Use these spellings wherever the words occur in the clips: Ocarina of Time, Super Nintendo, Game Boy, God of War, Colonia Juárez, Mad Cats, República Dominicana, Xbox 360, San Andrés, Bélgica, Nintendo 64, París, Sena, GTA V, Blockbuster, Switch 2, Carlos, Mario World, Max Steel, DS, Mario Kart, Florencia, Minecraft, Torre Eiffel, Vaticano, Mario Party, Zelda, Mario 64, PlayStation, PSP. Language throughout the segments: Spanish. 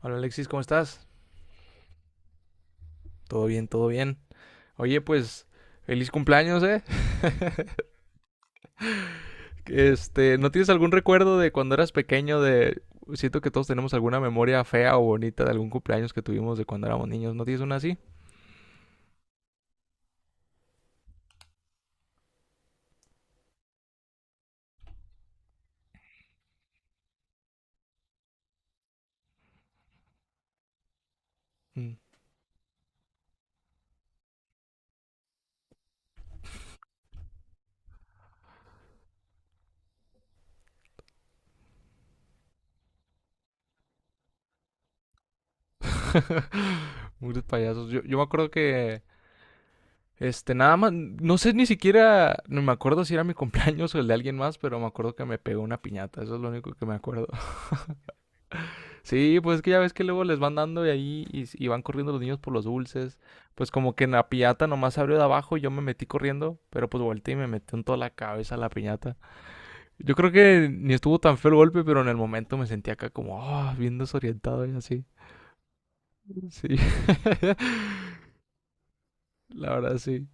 Hola Alexis, ¿cómo estás? Todo bien, todo bien. Oye, pues feliz cumpleaños, ¿eh? Este, ¿no tienes algún recuerdo de cuando eras pequeño de siento que todos tenemos alguna memoria fea o bonita de algún cumpleaños que tuvimos de cuando éramos niños? ¿No tienes una así? Mm. Muchos payasos. Yo me acuerdo que nada más no sé ni siquiera no me acuerdo si era mi cumpleaños o el de alguien más, pero me acuerdo que me pegó una piñata, eso es lo único que me acuerdo. Sí, pues es que ya ves que luego les van dando de ahí y, y van corriendo los niños por los dulces. Pues como que en la piñata nomás abrió de abajo y yo me metí corriendo, pero pues volteé y me metió en toda la cabeza la piñata. Yo creo que ni estuvo tan feo el golpe, pero en el momento me sentí acá como, bien desorientado y así. Sí. La verdad sí.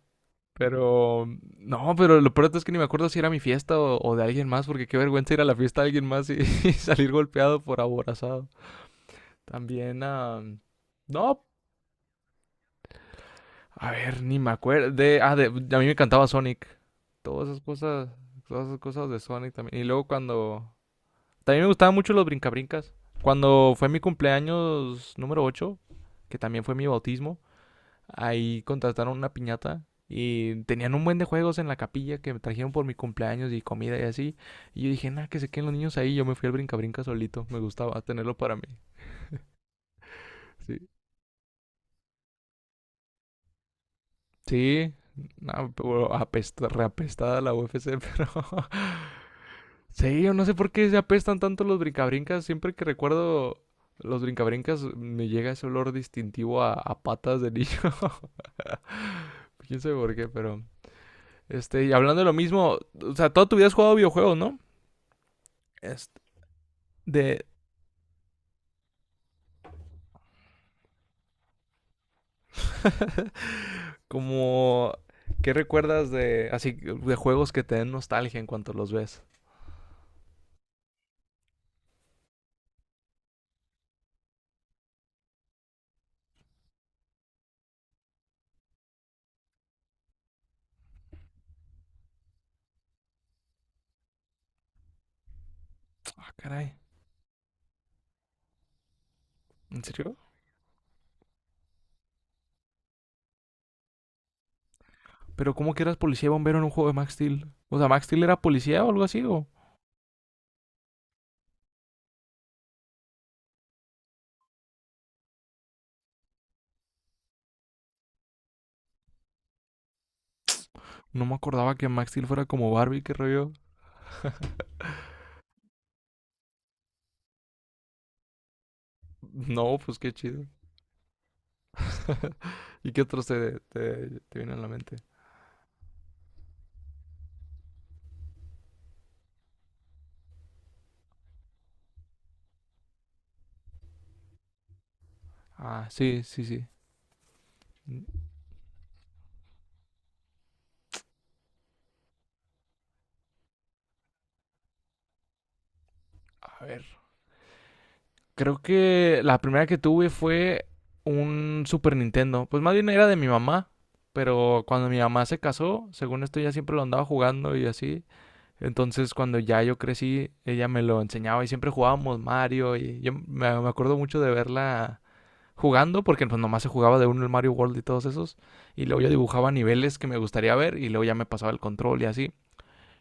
Pero, no, pero lo peor es que ni me acuerdo si era mi fiesta o de alguien más, porque qué vergüenza ir a la fiesta de alguien más y, y salir golpeado por aborazado. También, no, a ver, ni me acuerdo. A mí me encantaba Sonic. Todas esas cosas, todas esas cosas de Sonic también. Y luego cuando. También me gustaban mucho los brincabrincas. Cuando fue mi cumpleaños número 8, que también fue mi bautismo, ahí contrataron una piñata y tenían un buen de juegos en la capilla que me trajeron por mi cumpleaños y comida y así. Y yo dije, nada, que se queden los niños ahí. Yo me fui al brincabrinca solito. Me gustaba tenerlo para mí. Sí. Sí. No, pero reapestada la UFC, pero sí, yo no sé por qué se apestan tanto los brincabrincas. Siempre que recuerdo los brincabrincas, me llega ese olor distintivo a patas de niño. Quién sabe por qué, pero. Y hablando de lo mismo, o sea, toda tu vida has jugado videojuegos, ¿no? Este, de. Como. ¿Qué recuerdas de. Así, de juegos que te den nostalgia en cuanto los ves? Ah, caray. ¿En serio? Pero ¿cómo que eras policía y bombero en un juego de Max Steel? O sea, ¿Max Steel era policía o algo así? ¿O? No me acordaba que Max Steel fuera como Barbie, qué rollo. No, pues qué chido. ¿Y qué otros te vienen a la mente? Ah, sí, sí, sí. A ver. Creo que la primera que tuve fue un Super Nintendo. Pues más bien era de mi mamá. Pero cuando mi mamá se casó, según esto, ya siempre lo andaba jugando y así. Entonces, cuando ya yo crecí, ella me lo enseñaba y siempre jugábamos Mario. Y yo me acuerdo mucho de verla jugando, porque pues nomás se jugaba de uno el Mario World y todos esos. Y luego yo dibujaba niveles que me gustaría ver y luego ya me pasaba el control y así.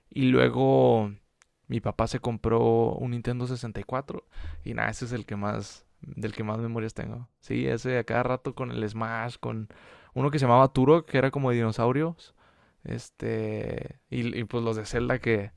Y luego mi papá se compró un Nintendo 64 y cuatro, y nada, ese es el que más, del que más memorias tengo. Sí, ese a cada rato con el Smash, con uno que se llamaba Turok, que era como de dinosaurios. Y pues los de Zelda que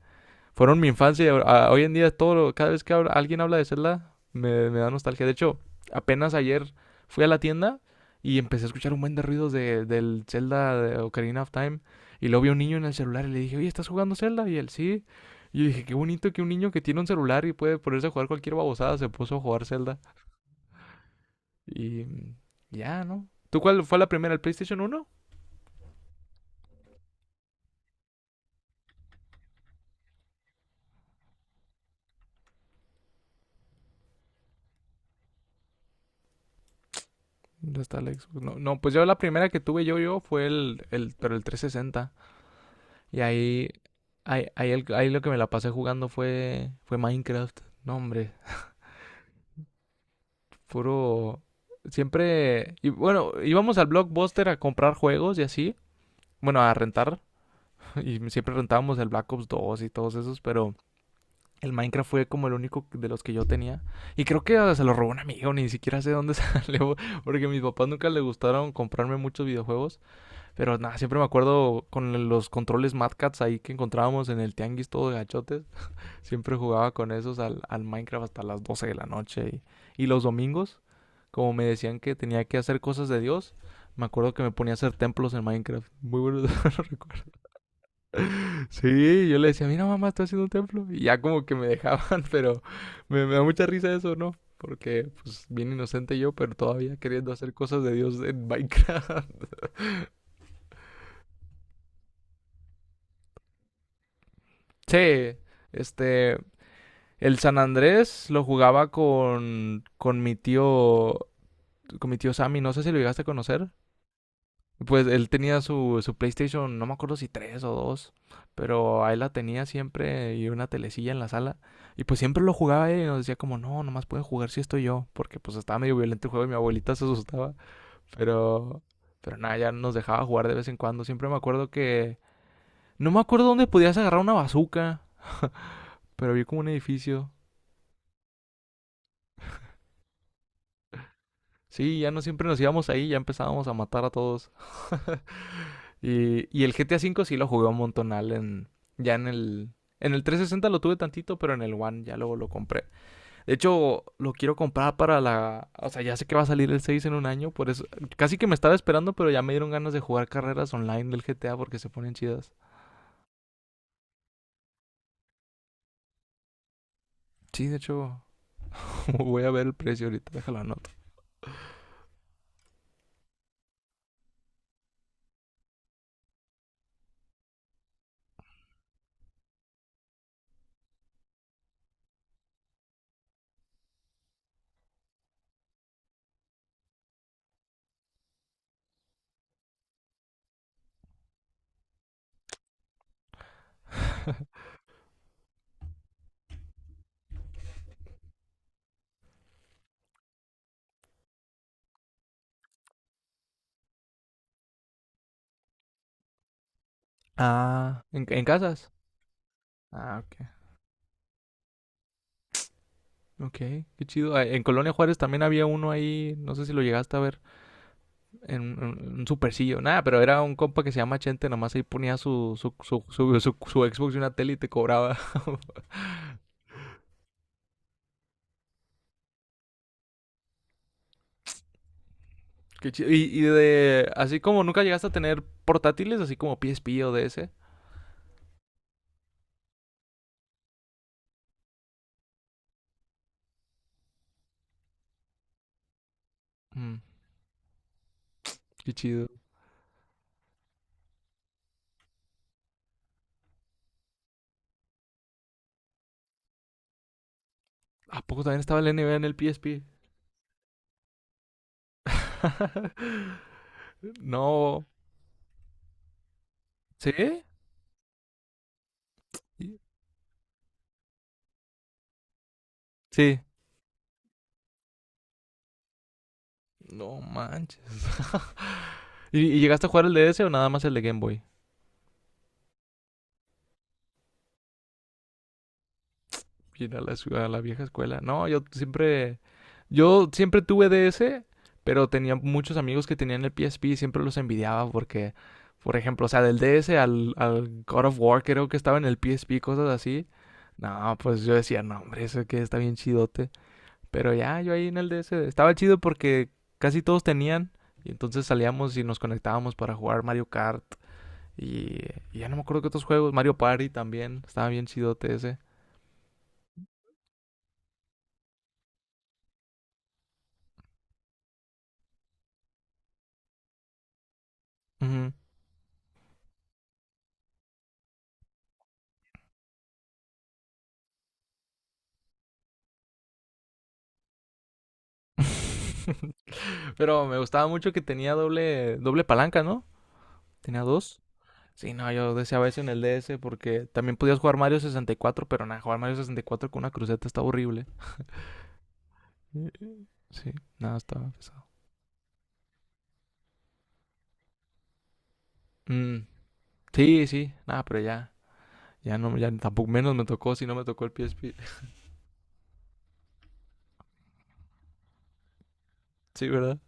fueron mi infancia. Y Hoy en día, todo, cada vez que alguien habla de Zelda, me da nostalgia. De hecho, apenas ayer fui a la tienda y empecé a escuchar un buen de ruidos de, del Zelda de Ocarina of Time. Y luego vi a un niño en el celular y le dije, oye, ¿estás jugando Zelda? Y él, sí. Y yo dije, qué bonito que un niño que tiene un celular y puede ponerse a jugar cualquier babosada se puso a jugar Zelda. Y ya, ¿no? ¿Tú cuál fue la primera? ¿El PlayStation 1? Ya está la Xbox. No, no, pues yo la primera que tuve yo fue pero el 360. Y ahí, ahí lo que me la pasé jugando fue, Minecraft. No, hombre, puro. Siempre. Y bueno, íbamos al Blockbuster a comprar juegos y así. Bueno, a rentar. Y siempre rentábamos el Black Ops 2 y todos esos, pero el Minecraft fue como el único de los que yo tenía. Y creo que se lo robó un amigo, ni siquiera sé dónde salió, porque a mis papás nunca les gustaron comprarme muchos videojuegos. Pero nada, siempre me acuerdo con los controles Mad Cats ahí que encontrábamos en el tianguis todo de gachotes. Siempre jugaba con esos al, al Minecraft hasta las 12 de la noche. Y los domingos, como me decían que tenía que hacer cosas de Dios, me acuerdo que me ponía a hacer templos en Minecraft. Muy buenos recuerdos. Sí, yo le decía, mira mamá, estoy haciendo un templo. Y ya como que me dejaban, pero me da mucha risa eso, ¿no? Porque, pues, bien inocente yo, pero todavía queriendo hacer cosas de Dios en Minecraft. Sí, este, el San Andrés lo jugaba con mi tío, con mi tío Sammy. No sé si lo llegaste a conocer. Pues él tenía su, PlayStation, no me acuerdo si tres o dos, pero ahí la tenía siempre y una telecilla en la sala. Y pues siempre lo jugaba él y nos decía como, no, nomás puede jugar si estoy yo, porque pues estaba medio violento el juego y mi abuelita se asustaba. Pero, pero nada, ya nos dejaba jugar de vez en cuando. Siempre me acuerdo que, no me acuerdo dónde podías agarrar una bazuca, pero vi como un edificio. Sí, ya no siempre nos íbamos ahí, ya empezábamos a matar a todos. Y el GTA V sí lo jugué un montonal ya en el 360 lo tuve tantito, pero en el One ya luego lo compré. De hecho, lo quiero comprar para la, o sea, ya sé que va a salir el 6 en un año, por eso, casi que me estaba esperando, pero ya me dieron ganas de jugar carreras online del GTA porque se ponen chidas. Sí, de hecho, voy a ver el precio ahorita, déjalo anoto. Ah, ¿en casas? Ah, ok. Ok, qué chido. Ah, en Colonia Juárez también había uno ahí, no sé si lo llegaste a ver, en un supercillo. Nada, pero era un compa que se llama Chente, nomás ahí ponía su Xbox y una tele y te cobraba. Qué chido. Y de, así como nunca llegaste a tener portátiles, así como PSP o DS. Mm, qué chido. ¿A poco también estaba el NBA en el PSP? No. ¿Sí? Sí. No manches. ¿Y, y llegaste a jugar el DS o nada más el de Game Boy? Ir a la, ciudad, a la vieja escuela. No, yo siempre tuve DS, pero tenía muchos amigos que tenían el PSP y siempre los envidiaba porque, por ejemplo, o sea, del DS al God of War creo que estaba en el PSP, cosas así. No, pues yo decía, no, hombre, eso que está bien chidote. Pero ya, yo ahí en el DS estaba chido porque casi todos tenían. Y entonces salíamos y nos conectábamos para jugar Mario Kart. Y, y ya no me acuerdo qué otros juegos. Mario Party también. Estaba bien chidote ese. Ujú. Pero me gustaba mucho que tenía doble, doble palanca, ¿no? Tenía dos. Sí, no, yo deseaba eso en el DS porque también podías jugar Mario 64, pero nada, jugar Mario 64 con una cruceta está horrible. Sí, nada, estaba pesado. Mm, sí, sí, nada, pero ya, ya no, ya tampoco menos me tocó si no me tocó el PSP. Sí, ¿verdad?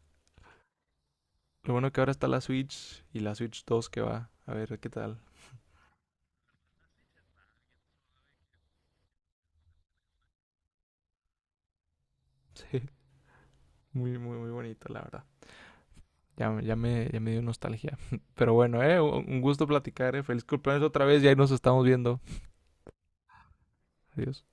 Lo bueno que ahora está la Switch y la Switch 2 que va. A ver qué tal. Sí, muy, muy, muy bonito, la verdad. Ya, ya me dio nostalgia. Pero bueno, un gusto platicar, eh. Feliz cumpleaños otra vez y ahí nos estamos viendo. Adiós.